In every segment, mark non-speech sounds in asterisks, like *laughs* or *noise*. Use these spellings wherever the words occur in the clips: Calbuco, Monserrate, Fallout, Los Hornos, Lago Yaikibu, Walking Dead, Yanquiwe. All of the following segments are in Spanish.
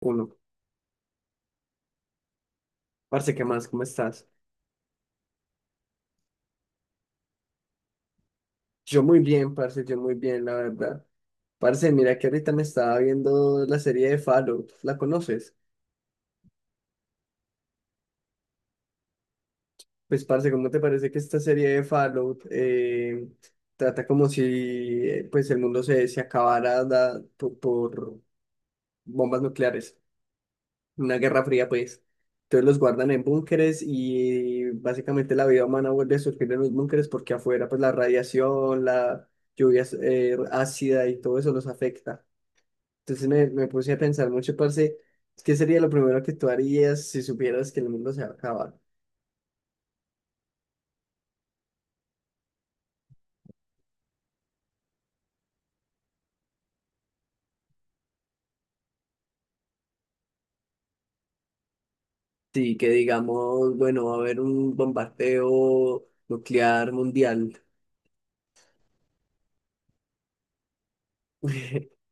Uno. Parce, ¿qué más? ¿Cómo estás? Yo muy bien, parce, yo muy bien, la verdad. Parce, mira que ahorita me estaba viendo la serie de Fallout, ¿la conoces? Pues, parce, ¿cómo te parece que esta serie de Fallout trata como si pues el mundo se acabara por bombas nucleares? Una guerra fría, pues. Entonces los guardan en búnkeres y básicamente la vida humana vuelve a surgir en los búnkeres porque afuera pues la radiación, la lluvia ácida y todo eso los afecta. Entonces me puse a pensar mucho, parce, ¿qué sería lo primero que tú harías si supieras que el mundo se va a acabar? Sí, que digamos, bueno, va a haber un bombardeo nuclear mundial. *laughs*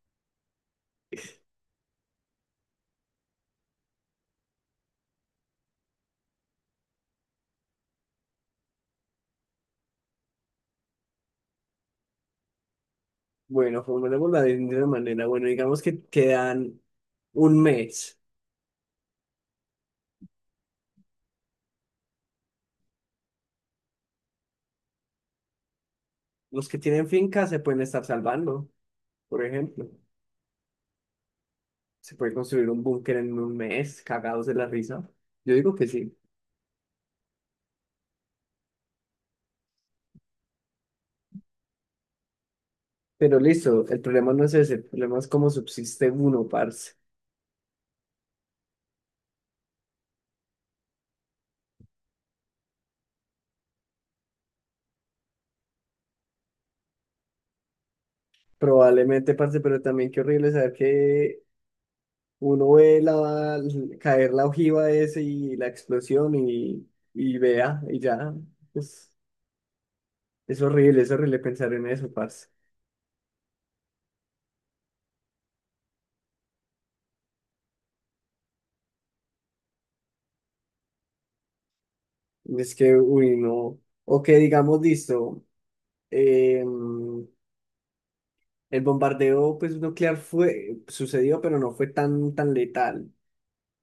Bueno, formulémosla de una manera. Bueno, digamos que quedan un mes. Los que tienen fincas se pueden estar salvando, por ejemplo. Se puede construir un búnker en un mes, cagados de la risa. Yo digo que sí. Pero listo, el problema no es ese, el problema es cómo subsiste uno, parce. Probablemente, parce, pero también qué horrible saber que uno ve caer la ojiva ese y la explosión y vea, y ya. Es, es horrible, es horrible pensar en eso, parce. Es que, uy, no. O que digamos, listo, eh, el bombardeo pues, nuclear fue, sucedió, pero no fue tan, tan letal.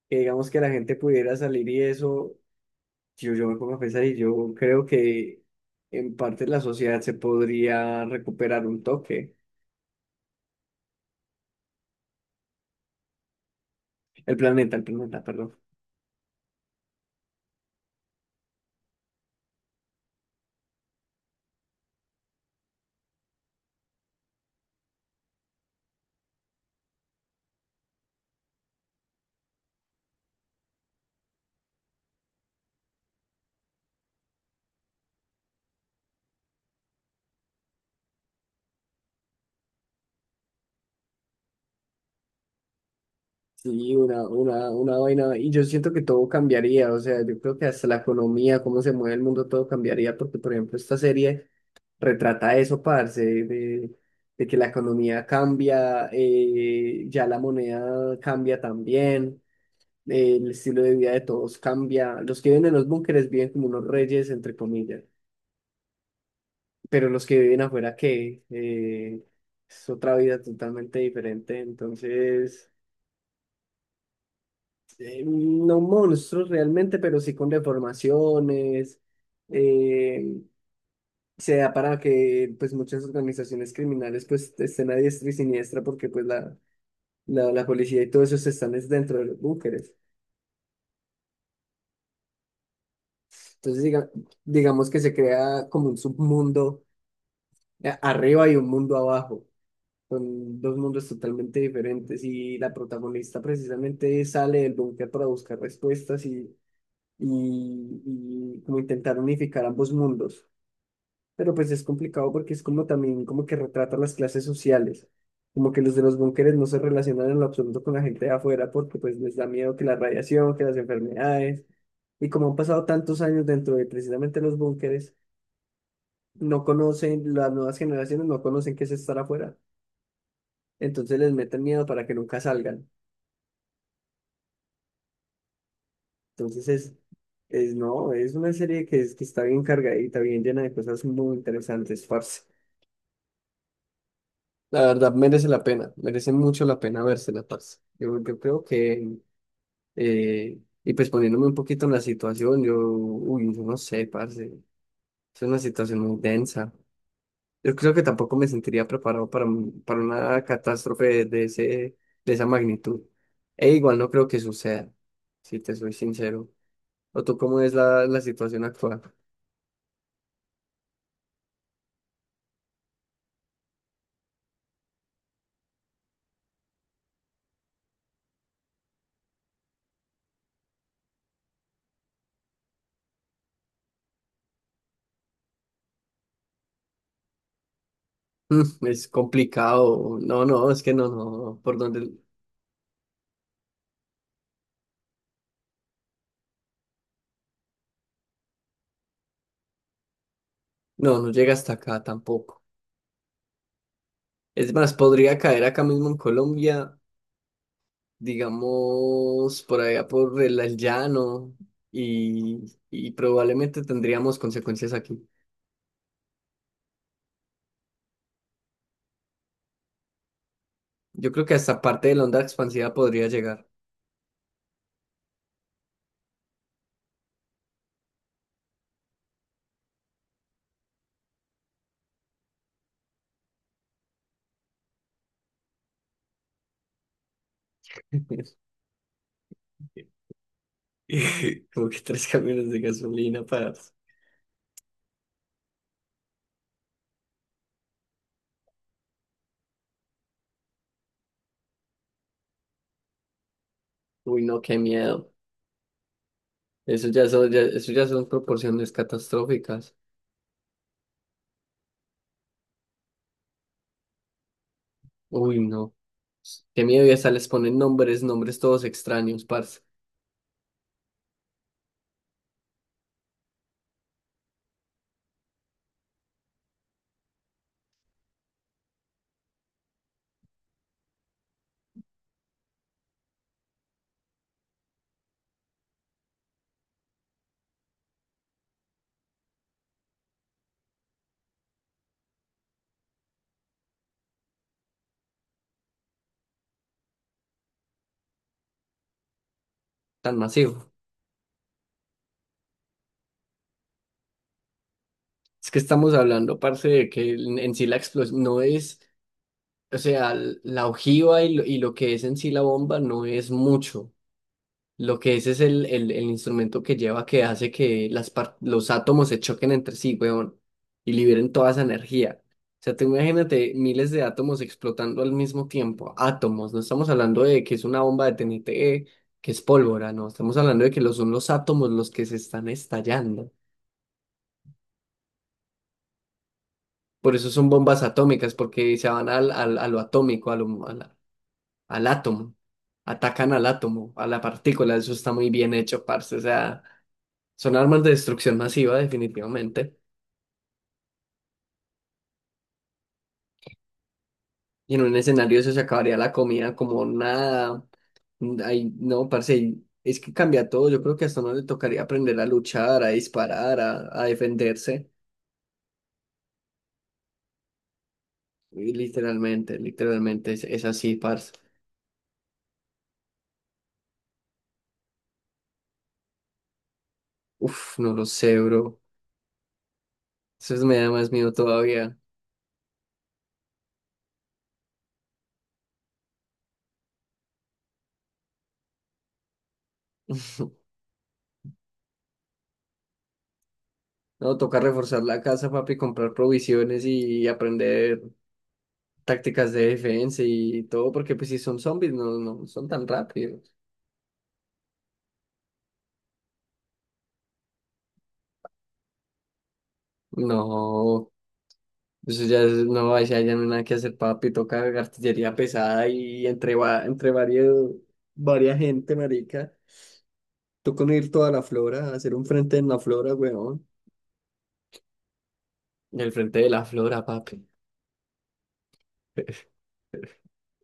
Que digamos que la gente pudiera salir y eso. Yo me pongo a pensar y yo creo que en parte la sociedad se podría recuperar un toque. El planeta, perdón. Sí, una vaina. Y yo siento que todo cambiaría. O sea, yo creo que hasta la economía, cómo se mueve el mundo, todo cambiaría. Porque, por ejemplo, esta serie retrata eso, parce, de que la economía cambia, ya la moneda cambia también. El estilo de vida de todos cambia. Los que viven en los búnkeres viven como unos reyes, entre comillas, pero los que viven afuera, que es otra vida totalmente diferente. Entonces, no monstruos realmente, pero sí con deformaciones. eh, se da para que pues muchas organizaciones criminales pues estén a diestra y siniestra porque pues la policía y todo eso se están es dentro de los búnkeres. Entonces digamos que se crea como un submundo arriba y un mundo abajo. Son dos mundos totalmente diferentes y la protagonista precisamente sale del búnker para buscar respuestas y como intentar unificar ambos mundos. Pero pues es complicado porque es como también como que retrata las clases sociales. Como que los de los búnkeres no se relacionan en lo absoluto con la gente de afuera porque pues les da miedo que la radiación, que las enfermedades. Y como han pasado tantos años dentro de precisamente los búnkeres, no conocen, las nuevas generaciones no conocen qué es estar afuera. Entonces les meten miedo para que nunca salgan. Entonces no, es una serie que, que está bien cargadita, bien llena de cosas muy interesantes, parce. La verdad, merece la pena, merece mucho la pena vérsela, parce. Yo creo que, eh, y pues poniéndome un poquito en la situación, yo, uy, yo no sé, parce, es una situación muy densa. Yo creo que tampoco me sentiría preparado para, para una catástrofe de ese, de esa magnitud. E igual no creo que suceda, si te soy sincero. ¿O tú cómo es la situación actual? Es complicado. No, no, es que no, no, no, por donde no, no llega hasta acá tampoco. Es más, podría caer acá mismo en Colombia, digamos, por allá por el llano y, y probablemente tendríamos consecuencias aquí. Yo creo que hasta parte de la onda expansiva podría llegar. *laughs* *laughs* Como que tres camiones de gasolina para. Uy, no, qué miedo. Eso ya son, eso ya son proporciones catastróficas. Uy, no. Qué miedo, y hasta les ponen nombres, nombres todos extraños, parce, tan masivo. Es que estamos hablando, parce, de que en sí la explosión no es, o sea, la ojiva y lo que es en sí la bomba no es mucho. Lo que es el instrumento que lleva que hace que las los átomos se choquen entre sí, weón, y liberen toda esa energía. O sea, tú imagínate miles de átomos explotando al mismo tiempo. Átomos, no estamos hablando de que es una bomba de TNT, que es pólvora, no, estamos hablando de que lo son los átomos los que se están estallando. Por eso son bombas atómicas, porque se van a lo atómico, a lo- a la- al átomo. Atacan al átomo, a la partícula, eso está muy bien hecho, parce. O sea. Son armas de destrucción masiva, definitivamente. Y en un escenario eso se acabaría la comida como nada. Ay, no, parce, y es que cambia todo. Yo creo que hasta no le tocaría aprender a luchar, a disparar, a defenderse. Y literalmente, literalmente es así, parce. Uf, no lo sé, bro. Me da más miedo todavía. *laughs* No, toca reforzar la casa, papi, comprar provisiones y aprender tácticas de defensa y todo, porque pues si son zombies, no, no son tan rápidos. No, no, ahí sí ya no hay nada que hacer, papi, toca artillería pesada y entre, entre varios, varias gente, marica. Toca unir toda la flora, hacer un frente en la flora, weón. El frente de la flora, papi.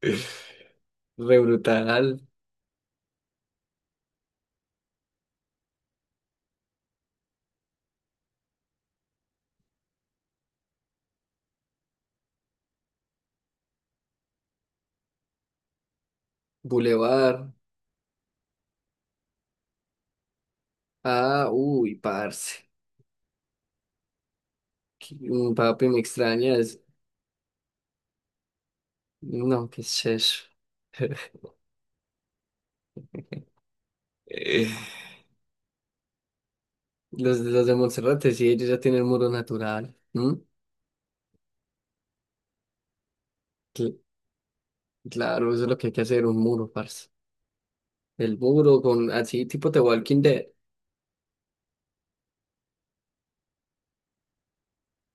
*laughs* Re brutal, Boulevard. Ah, uy, parce. Papi, me extrañas. No, qué es eso. *laughs* Eh, los de Monserrate, sí, ellos ya tienen muro natural. ¿M? Cl- claro, eso es lo que hay que hacer, un muro, parce. El burro con así tipo de Walking Dead,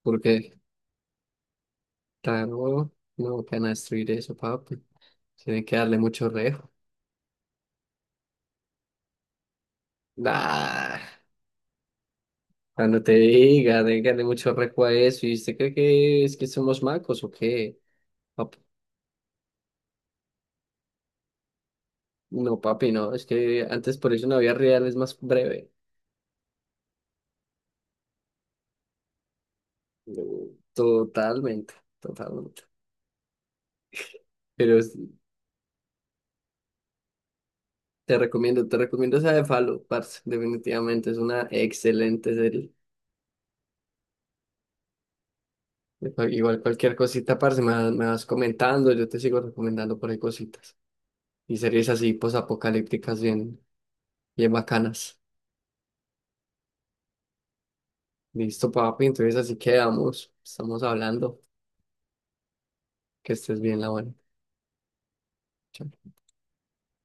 porque claro, no van a destruir eso, papi. Tienen que darle mucho rejo. Nah, cuando te diga, tienen que darle mucho rejo a eso. ¿Y usted cree que es que somos macos o qué? Pap- no, papi, no. Es que antes por eso una vida real es más breve. Mm, Totalmente, totalmente. Pero es- Te recomiendo, te recomiendo esa de Fallout, parce. Definitivamente es una excelente serie. Igual cualquier cosita, parce, me vas comentando, yo te sigo recomendando por ahí cositas. Y series así posapocalípticas bien, bien bacanas. Listo, papi, entonces así quedamos. Estamos hablando. Que estés bien, la buena. Chao.